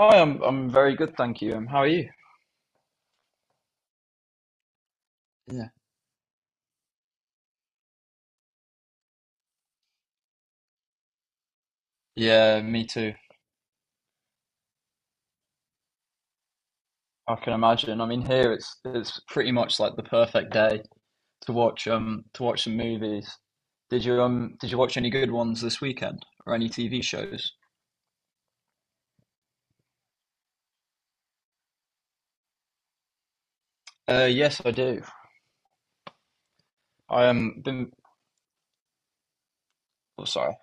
Hi, I'm very good, thank you. How are you? Yeah. Yeah, me too. I can imagine. I mean, here it's pretty much like the perfect day to watch to watch some movies. Did you did you watch any good ones this weekend or any TV shows? Yes, I do. I been Oh, sorry.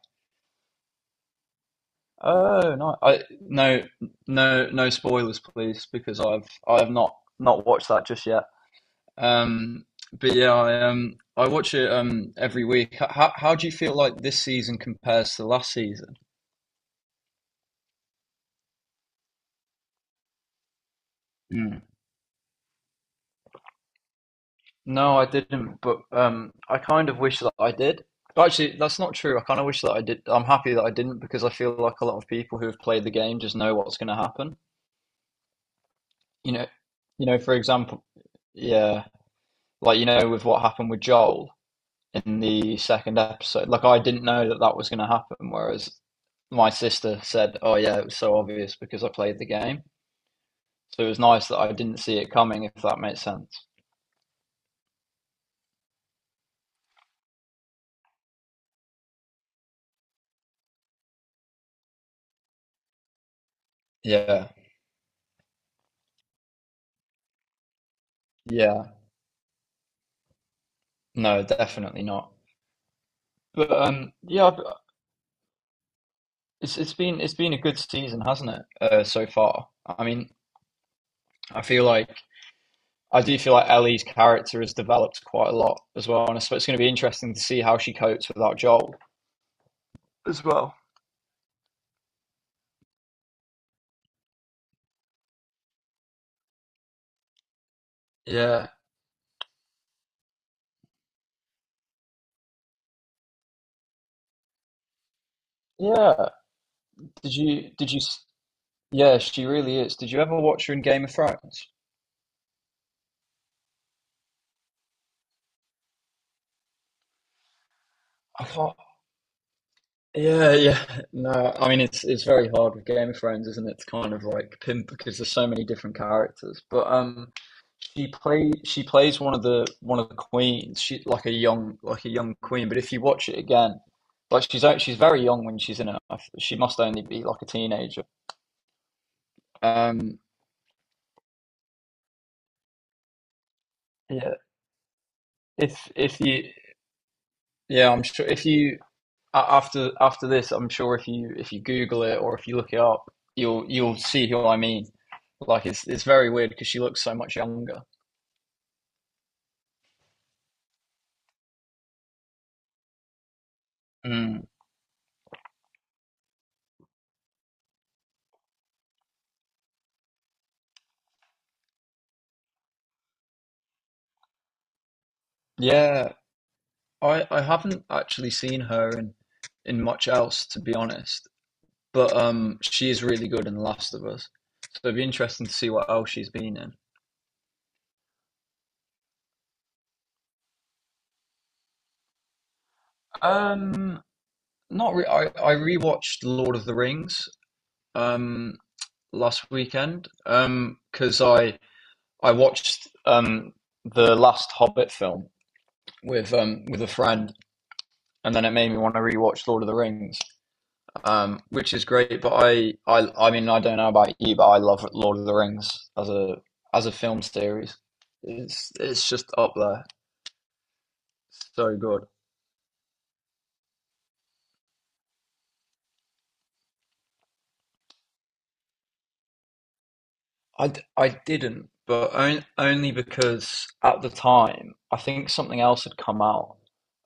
Oh no, no spoilers, please, because I have not watched that just yet. Um, but yeah, I watch it every week. How do you feel like this season compares to last season? Mm. No, I didn't, but I kind of wish that I did. Actually, that's not true. I kind of wish that I did. I'm happy that I didn't because I feel like a lot of people who have played the game just know what's going to happen. You know, you know, for example, yeah, like with what happened with Joel in the second episode. Like I didn't know that that was going to happen, whereas my sister said, "Oh yeah, it was so obvious because I played the game." So it was nice that I didn't see it coming, if that makes sense. Yeah, yeah, no, definitely not. But yeah, it's been a good season, hasn't it? So far, I mean, I feel like I do feel like Ellie's character has developed quite a lot as well, and I suppose it's going to be interesting to see how she copes without Joel as well. Yeah, yeah. Did you Yeah, she really is. Did you ever watch her in Game of Thrones? I can't. Yeah, yeah. No, I mean it's very hard with Game of Thrones, isn't it? To kind of like pin because there's so many different characters. But she plays one of the queens. She like a young queen. But if you watch it again, she's very young when she's in it. She must only be like a teenager. Um, yeah. If you yeah, I'm sure if you after this, I'm sure if you Google it or if you look it up, you'll see who I mean. Like it's very weird because she looks so much younger. Mm. Yeah, I haven't actually seen her in much else to be honest, but she is really good in The Last of Us. So it'd be interesting to see what else she's been in. Um, not re I rewatched Lord of the Rings um last weekend because I. I watched the last Hobbit film with a friend, and then it made me want to rewatch Lord of the Rings, which is great. But I mean, I don't know about you, but I love Lord of the Rings as a film series. It's just up there, so good. I didn't, but only because at the time I think something else had come out,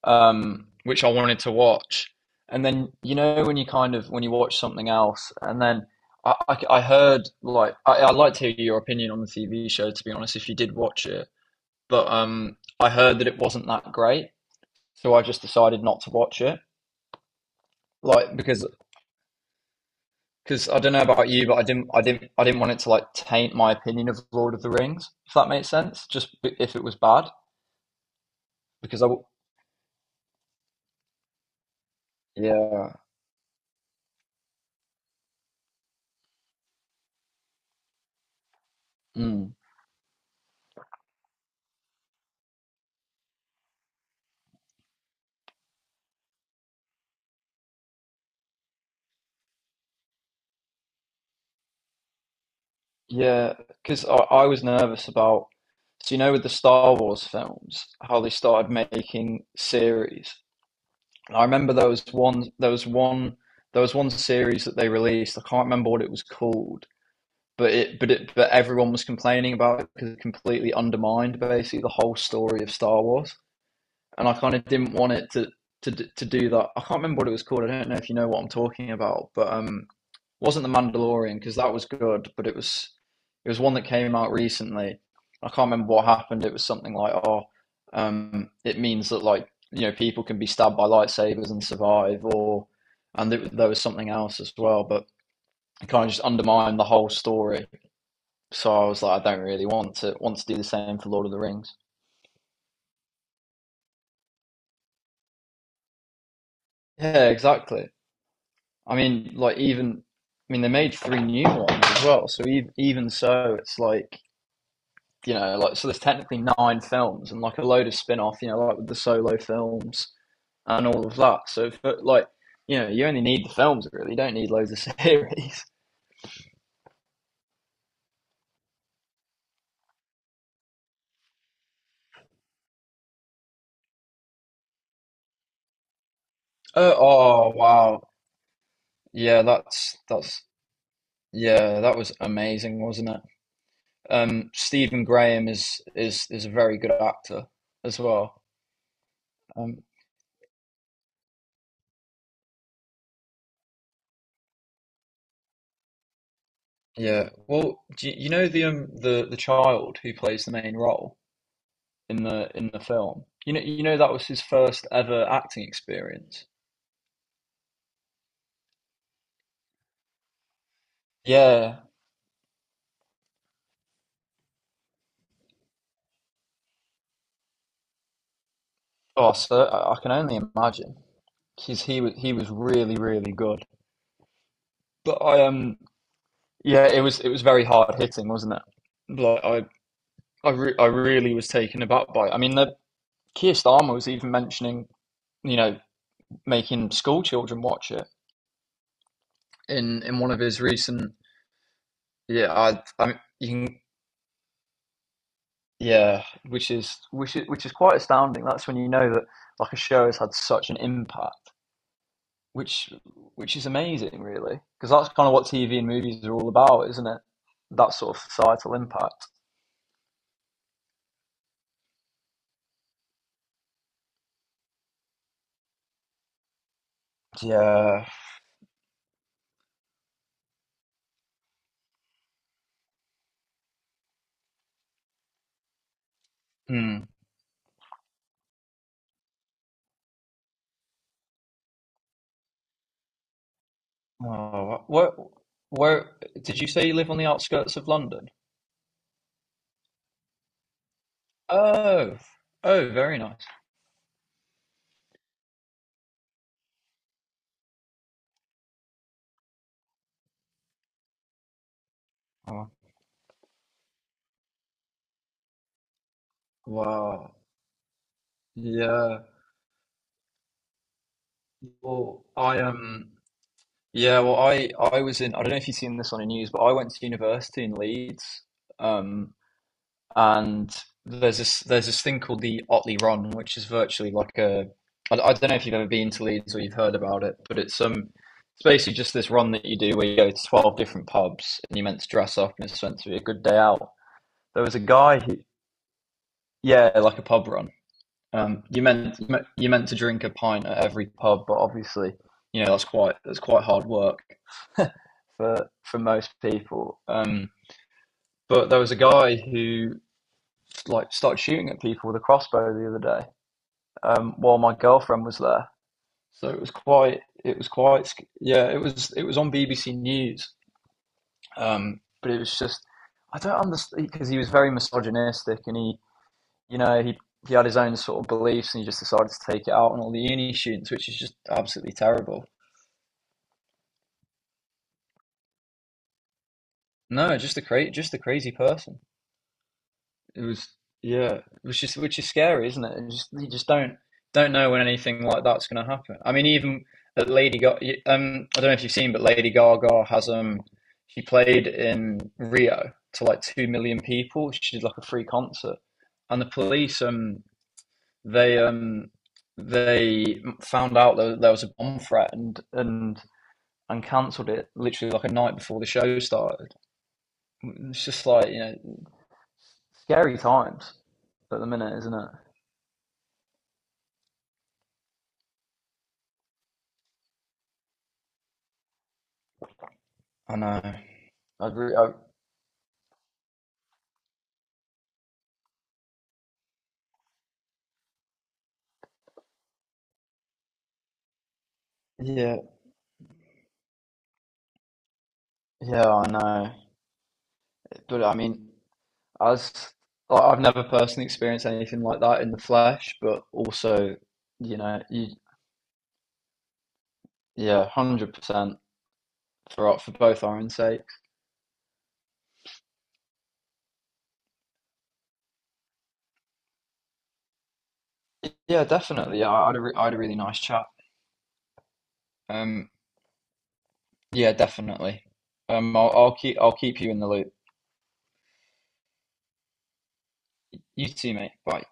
which I wanted to watch. And then you know when you watch something else, and then I heard like I'd like to hear your opinion on the TV show to be honest, if you did watch it. But I heard that it wasn't that great, so I just decided not to watch it, like because I don't know about you, but I didn't want it to like taint my opinion of Lord of the Rings, if that makes sense. Just if it was bad, because I, w- yeah, mm, yeah, because I was nervous about, so you know, with the Star Wars films, how they started making series. And I remember there was one series that they released. I can't remember what it was called, but everyone was complaining about it because it completely undermined basically the whole story of Star Wars. And I kind of didn't want it to to do that. I can't remember what it was called. I don't know if you know what I'm talking about, but it wasn't the Mandalorian because that was good, but it was one that came out recently. I can't remember what happened. It was something like, it means that like you know people can be stabbed by lightsabers and survive, or and there was something else as well, but it kind of just undermined the whole story. So I was like, I don't really want to do the same for Lord of the Rings. Yeah, exactly. I mean, like even I mean they made three new ones as well. So even so, it's like you know, like so there's technically nine films and like a load of spin-off, you know, like with the solo films and all of that. So but, like you know, you only need the films really. You don't need loads of series. Oh wow, yeah, that's that's yeah, that was amazing, wasn't it? Stephen Graham is a very good actor as well. Um, Yeah. Well, you know the child who plays the main role in the film? You know that was his first ever acting experience. Yeah. Oh, so I can only imagine because he was really really good. But I yeah, it was very hard hitting, wasn't it? I re I really was taken aback by it. I mean, the Keir Starmer was even mentioning you know making school children watch it in one of his recent yeah I mean, you can Yeah, which is quite astounding. That's when you know that like a show has had such an impact, which which is amazing, really, because that's kind of what TV and movies are all about, isn't it? That sort of societal impact. Yeah. Hmm. Oh, where did you say you live on the outskirts of London? Oh, oh, very nice. Oh, wow. Yeah. Well, I am. Yeah, well, I was in. I don't know if you've seen this on the news, but I went to university in Leeds, um, and there's this thing called the Otley Ron, which is virtually like a. I don't know if you've ever been to Leeds or you've heard about it, but it's basically just this run that you do where you go to 12 different pubs and you're meant to dress up and it's meant to be a good day out. There was a guy who, yeah, like a pub run. Um, you meant you meant to drink a pint at every pub, but obviously, you know, that's quite hard work for most people. But there was a guy who like started shooting at people with a crossbow the other day, while my girlfriend was there. So it was quite yeah, it was on BBC News. But it was just I don't understand because he was very misogynistic and he you know he had his own sort of beliefs and he just decided to take it out on all the uni students, which is just absolutely terrible. No, just a just a crazy person. It was yeah, which is scary, isn't it? And just you just don't know when anything like that's going to happen. I mean, even at Lady Gaga, I don't know if you've seen, but Lady Gaga has she played in Rio to like 2 million people. She did like a free concert, and the police they um they found out that there was a bomb threat and cancelled it literally like a night before the show started. It's just like you know scary times at the minute, isn't it? I know. I agree. Yeah, yeah, I know. But I mean, as like, I've never personally experienced anything like that in the flesh, but also, you know, you, yeah, 100% for both our own sakes. Yeah, definitely. Yeah, I had a really nice chat. Um, yeah, definitely. Um, I'll keep you in the loop. You too, mate. Bye.